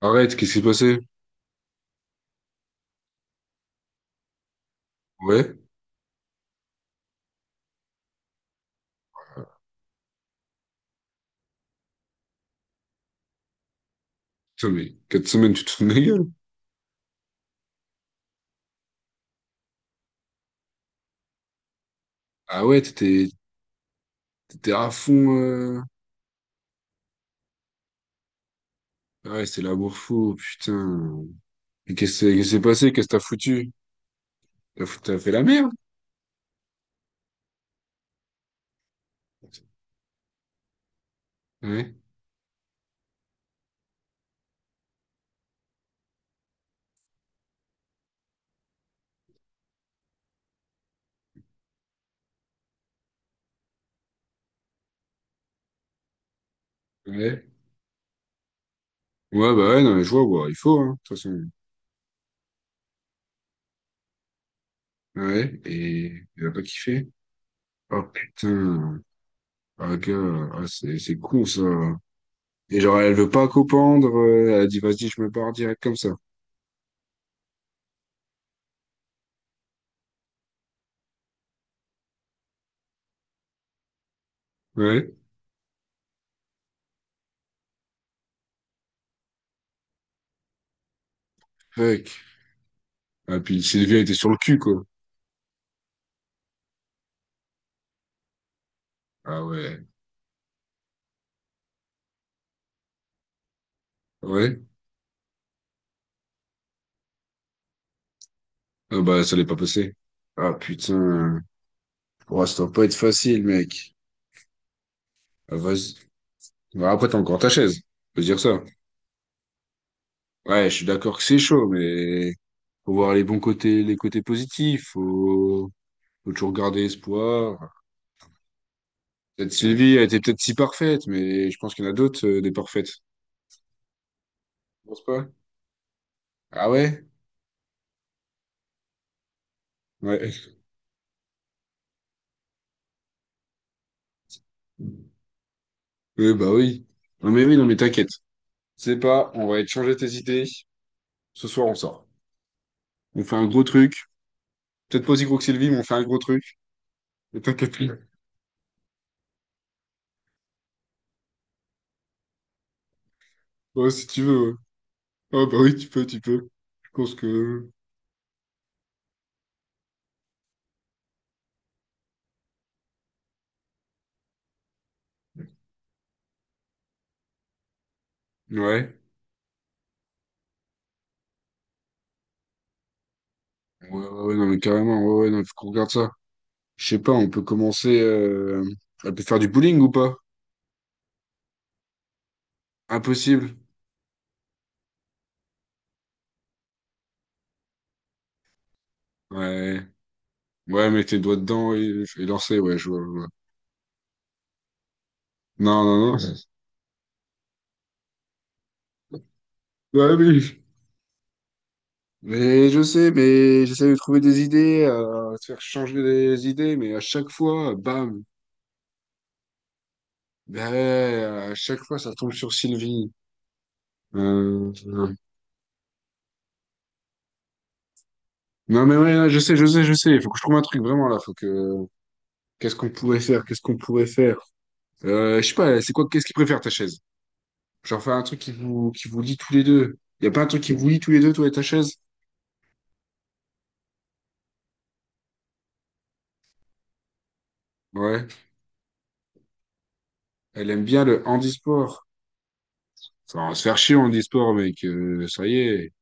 Arrête, qu'est-ce qui s'est passé? Ouais? Putain, mais 4 semaines, tu te fous de ma gueule? Ah ouais, t'étais t'étais à fond. Ah ouais, c'était la fou putain. Et qu'est-ce qui s'est passé? Qu'est-ce que t'as foutu? T'as fait la merde? Ouais? Ouais? Ouais, bah ouais, non, mais je vois, bah, il faut, hein, de toute façon. Ouais? Et il a pas kiffé? Oh putain. Ah, gars, ah, c'est con, ça. Et genre, elle veut pas copendre. Elle a dit, vas-y, je me barre direct comme ça. Ouais? Fuck. Ah, puis Sylvia était sur le cul, quoi. Ah ouais. Ouais. Ah bah, ça l'est pas passé. Ah putain. Oh, ça doit pas être facile, mec. Ah, vas-y. Bah, après, t'as encore ta chaise. Faut se dire ça. Ouais, je suis d'accord que c'est chaud, mais faut voir les bons côtés, les côtés positifs. Faut toujours garder espoir. Peut-être Sylvie a été peut-être si parfaite, mais je pense qu'il y en a d'autres, des parfaites. Tu penses pas. Ah ouais? Ouais. Oui, bah oui. Non mais oui, non mais t'inquiète. C'est pas, on va échanger tes idées. Ce soir, on sort. On fait un gros truc. Peut-être pas aussi gros que Sylvie, mais on fait un gros truc. Et t'inquiète. Ouais, si tu veux, ouais. Ah bah oui, tu peux. Je pense que... Ouais. Ouais, ouais, ouais, non, mais carrément, ouais, ouais, non, faut qu'on regarde ça. Je sais pas, on peut commencer... On peut faire du bowling ou pas? Impossible. Ouais. Ouais, mets tes doigts dedans et lancer, ouais, je vois. Non, non, non. Ouais, mais je sais, mais j'essaie de trouver des idées, de faire changer les idées, mais à chaque fois, bam. Ben, à chaque fois, ça tombe sur Sylvie. Euh, Non, mais ouais, ouais, je sais. Il faut que je trouve un truc vraiment là. Faut que. Qu'est-ce qu'on pourrait faire? Qu'est-ce qu'on pourrait faire? Je sais pas, c'est quoi, qu'est-ce qu'il préfère ta chaise? Genre faire un truc qui vous lie tous les deux. Y a pas un truc qui vous lie tous les deux, toi et ta chaise? Ouais. Elle aime bien le handisport. Ça va se faire chier en handisport, mec. Ça y est.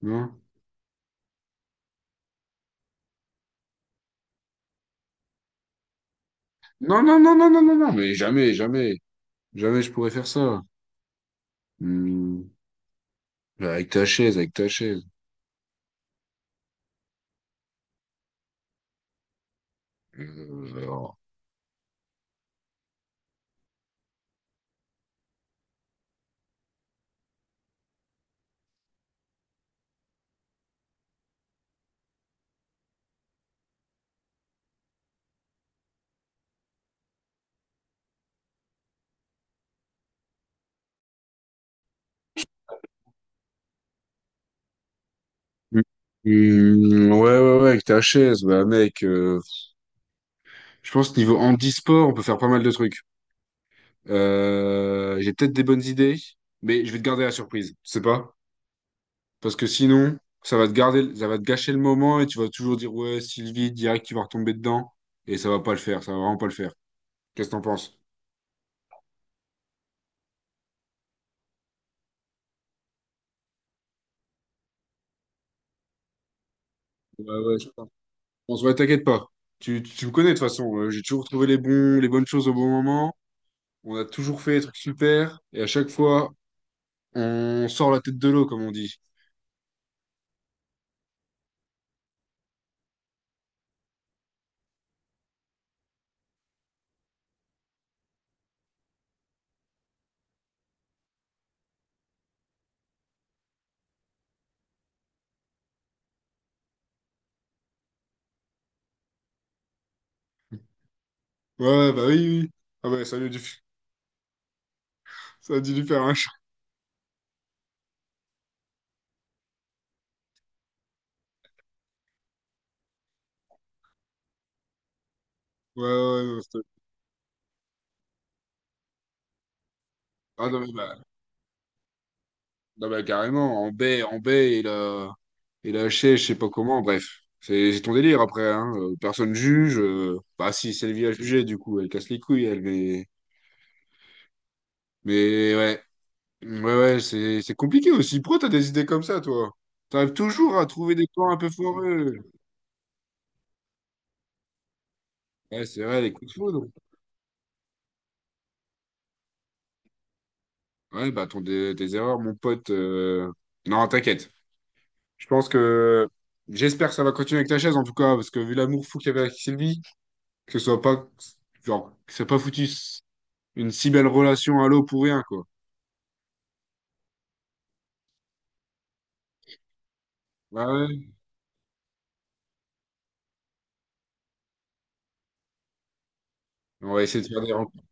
Non? Non, non, non, non, non, non, non, jamais. Jamais je pourrais faire ça. Hmm. Avec ta chaise. Alors. Hmm, ouais, ouais, ouais, avec ta chaise, bah mec, je pense que niveau handisport, on peut faire pas mal de trucs. J'ai peut-être des bonnes idées, mais je vais te garder la surprise, tu sais pas? Parce que sinon, ça va te gâcher le moment et tu vas toujours dire ouais, Sylvie, direct, tu vas retomber dedans. Et ça va pas le faire, ça va vraiment pas le faire. Qu'est-ce que t'en penses? Ouais, ouais, je pense. On se voit, t'inquiète pas. Tu me connais de toute façon. J'ai toujours trouvé les bons, les bonnes choses au bon moment. On a toujours fait des trucs super. Et à chaque fois, on sort la tête de l'eau, comme on dit. Ouais, bah oui, oui. Oui. Ah bah, ça a dû, ça a dû lui faire un ouais, ouais, non, c'était- ah, non, mais, bah, non, mais carrément, en baie, il a haché, je sais pas comment, bref. C'est ton délire après, hein. Personne juge. Bah si, Sylvie a jugé, du coup, elle casse les couilles, elle, mais. Mais ouais. Ouais, ouais, c'est compliqué aussi. Pourquoi t'as des idées comme ça, toi? T'arrives toujours à trouver des plans un peu foireux. Ouais, c'est vrai, les coups de foudre. Ouais, tes erreurs, mon pote. Non, t'inquiète. Je pense que. J'espère que ça va continuer avec ta chaise, en tout cas, parce que vu l'amour fou qu'il y avait avec Sylvie. Que ce soit pas, genre, que ça ait pas foutu s- une si belle relation à l'eau pour rien, quoi. Ouais, ouais. On va essayer de faire des rencontres,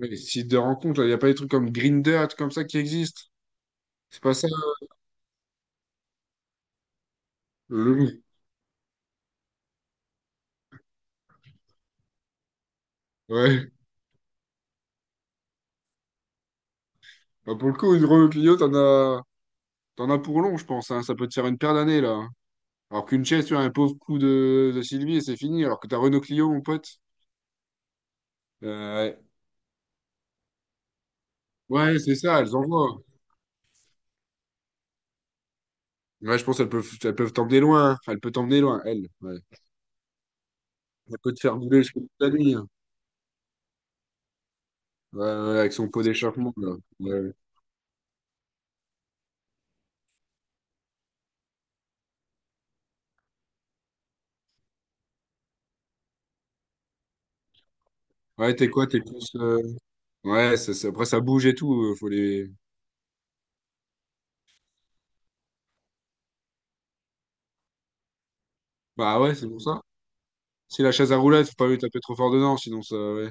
ouais, des sites de rencontres, là. Il n'y a pas des trucs comme Grindr, des trucs comme ça qui existent. C'est pas ça. Le... Ouais. Bah, pour le coup, une Renault Clio, t'en as pour long, je pense, hein. Ça peut te faire une paire d'années, là. Hein. Alors qu'une chaise, tu as un pauvre coup de Sylvie et c'est fini. Alors que ta Renault Clio, mon pote. euh, Ouais, ouais, c'est ça, elles envoient. Ouais, je pense qu'elles peuvent elles peuvent t'emmener loin. Hein. Elles peuvent t'emmener loin, elles. Ouais. Elles peuvent te faire bouler jusqu'au bout de la nuit. Hein. Ouais, ouais, avec son pot d'échappement, là. Ouais, ouais ouais, t'es quoi? T'es plus. Ouais, après, ça bouge et tout. Faut les. Bah ouais, c'est pour ça. Si la chaise à roulettes, faut pas lui taper trop fort dedans, sinon ça. Ouais.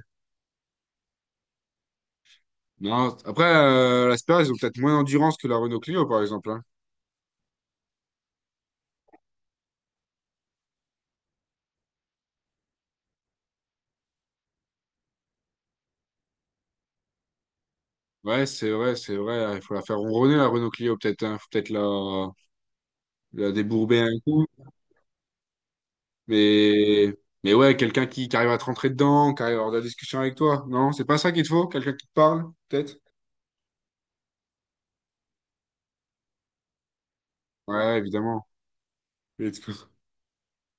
Non, après, la Sperra, ils ont peut-être moins d'endurance que la Renault Clio, par exemple. Hein. Ouais, c'est vrai, c'est vrai. Hein. Il faut la faire ronronner, la Renault Clio, peut-être. Hein. Faut peut-être la... la débourber un coup. Mais. Mais ouais, quelqu'un qui arrive à te rentrer dedans, qui arrive à avoir de la discussion avec toi. Non, c'est pas ça qu'il te faut? Quelqu'un qui te parle, peut-être? Ouais, évidemment.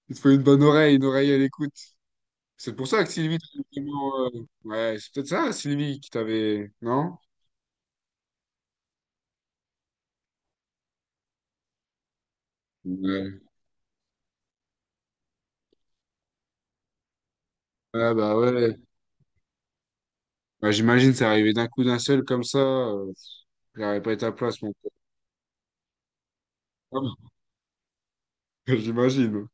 Il te faut une bonne oreille, une oreille à l'écoute. C'est pour ça que Sylvie, t'avais vraiment, ouais, c'est peut-être ça, Sylvie, qui t'avait, non? Ouais. Ah bah ouais. Bah, j'imagine, c'est arrivé d'un coup d'un seul comme ça. J'aurais pas été à place, mon pauvre. J'imagine.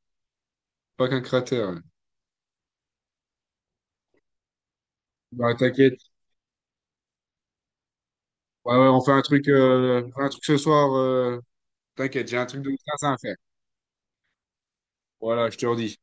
Pas qu'un cratère. Ouais. Bah t'inquiète. Ouais, ouais, on fait un truc, on fait un truc ce soir. T'inquiète, j'ai un truc de 15 à faire. Voilà, je te redis.